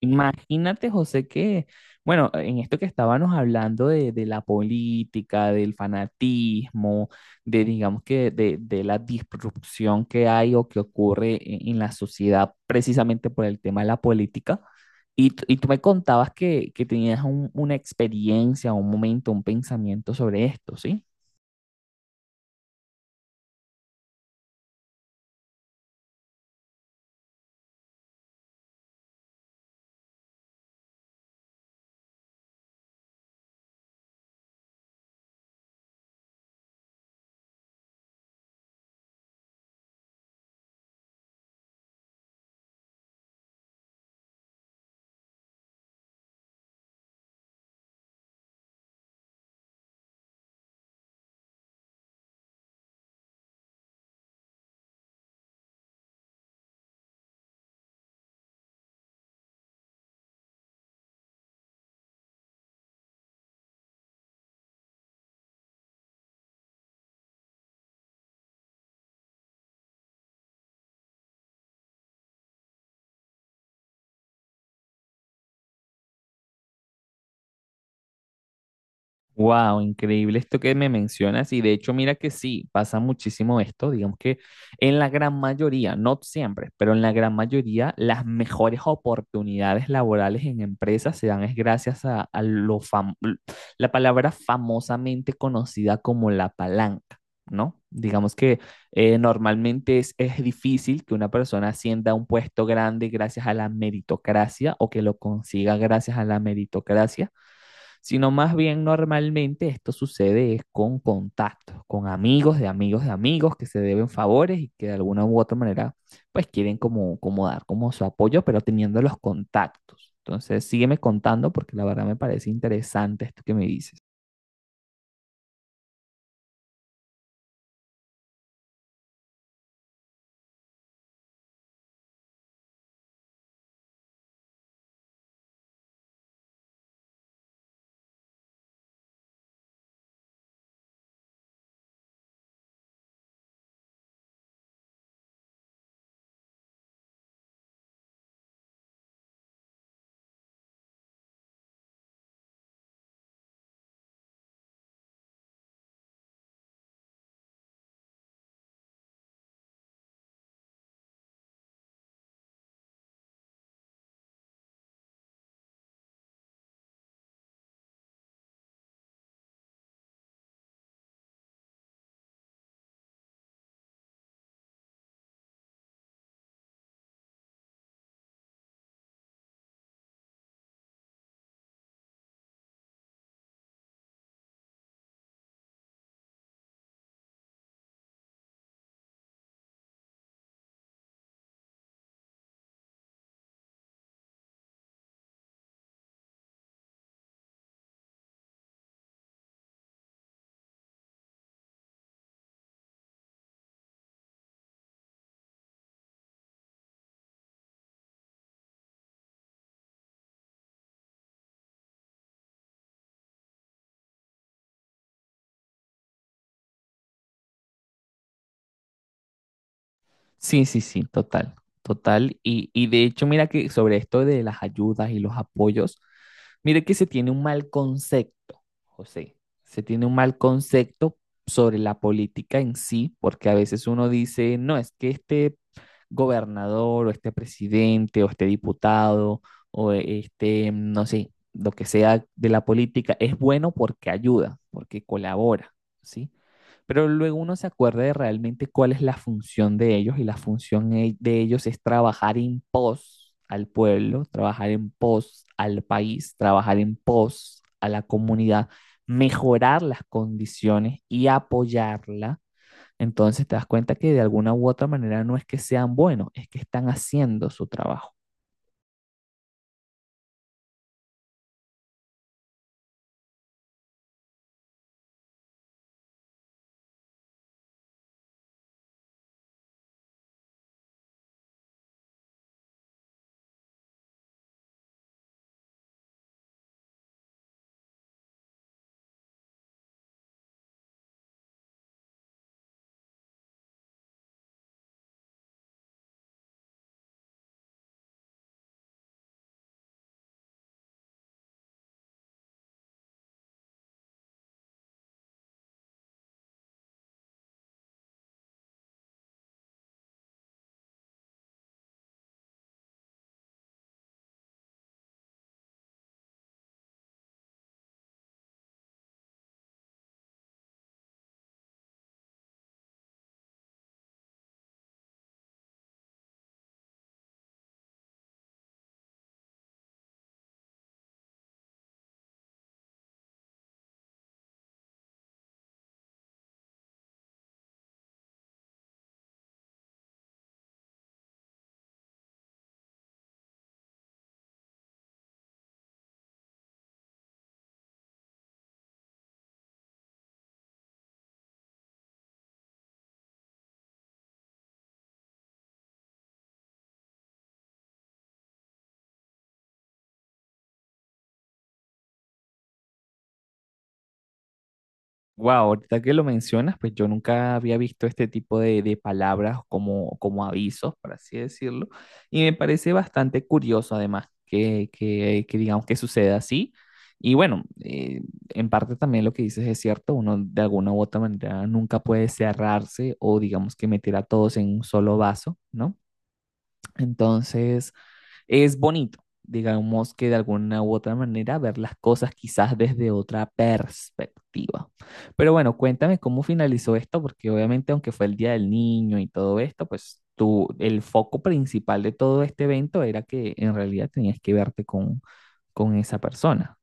Imagínate, José, que, bueno, en esto que estábamos hablando de la política, del fanatismo, de, digamos que, de la disrupción que hay o que ocurre en la sociedad precisamente por el tema de la política. Y tú me contabas que tenías una experiencia, un momento, un pensamiento sobre esto, ¿sí? Wow, increíble esto que me mencionas. Y de hecho, mira que sí, pasa muchísimo esto. Digamos que en la gran mayoría, no siempre, pero en la gran mayoría, las mejores oportunidades laborales en empresas se dan es gracias a la palabra famosamente conocida como la palanca, ¿no? Digamos que normalmente es difícil que una persona ascienda a un puesto grande gracias a la meritocracia o que lo consiga gracias a la meritocracia, sino más bien normalmente esto sucede es con contactos, con amigos de amigos de amigos que se deben favores y que de alguna u otra manera pues quieren como, como dar como su apoyo, pero teniendo los contactos. Entonces sígueme contando porque la verdad me parece interesante esto que me dices. Sí, sí, sí, total, total. Y de hecho, mira que sobre esto de las ayudas y los apoyos, mire que se tiene un mal concepto, José, se tiene un mal concepto sobre la política en sí, porque a veces uno dice, no, es que este gobernador o este presidente o este diputado o este, no sé, lo que sea de la política es bueno porque ayuda, porque colabora, ¿sí? Pero luego uno se acuerda de realmente cuál es la función de ellos y la función de ellos es trabajar en pos al pueblo, trabajar en pos al país, trabajar en pos a la comunidad, mejorar las condiciones y apoyarla. Entonces te das cuenta que de alguna u otra manera no es que sean buenos, es que están haciendo su trabajo. Wow, ahorita que lo mencionas, pues yo nunca había visto este tipo de palabras como, como avisos, por así decirlo, y me parece bastante curioso además que digamos que suceda así. Y bueno, en parte también lo que dices es cierto, uno de alguna u otra manera nunca puede cerrarse o digamos que meter a todos en un solo vaso, ¿no? Entonces, es bonito, digamos que de alguna u otra manera ver las cosas quizás desde otra perspectiva. Pero bueno, cuéntame cómo finalizó esto, porque obviamente aunque fue el Día del Niño y todo esto, pues tú, el foco principal de todo este evento era que en realidad tenías que verte con esa persona.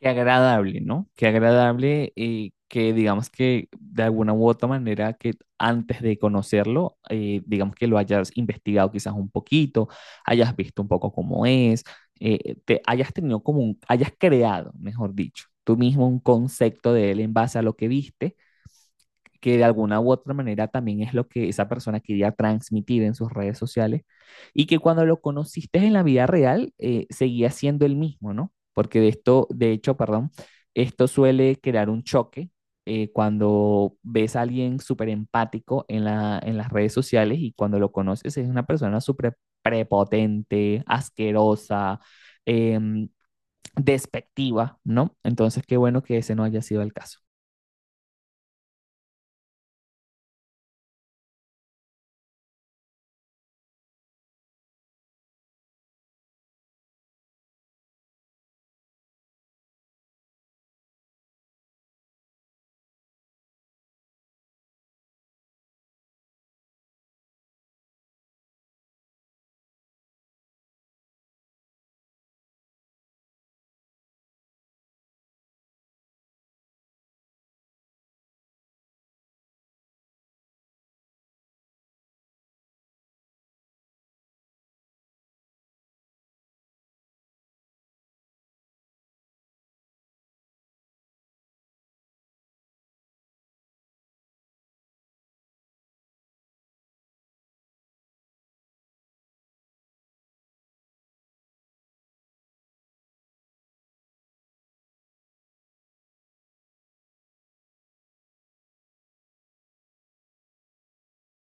Qué agradable, ¿no? Qué agradable que digamos que de alguna u otra manera que antes de conocerlo, digamos que lo hayas investigado quizás un poquito, hayas visto un poco cómo es, te hayas tenido como un, hayas creado, mejor dicho, tú mismo un concepto de él en base a lo que viste, que de alguna u otra manera también es lo que esa persona quería transmitir en sus redes sociales, y que cuando lo conociste en la vida real seguía siendo el mismo, ¿no? Porque de esto, de hecho, perdón, esto suele crear un choque cuando ves a alguien súper empático en la, en las redes sociales y cuando lo conoces es una persona súper prepotente, asquerosa, eh, despectiva, ¿no? Entonces, qué bueno que ese no haya sido el caso.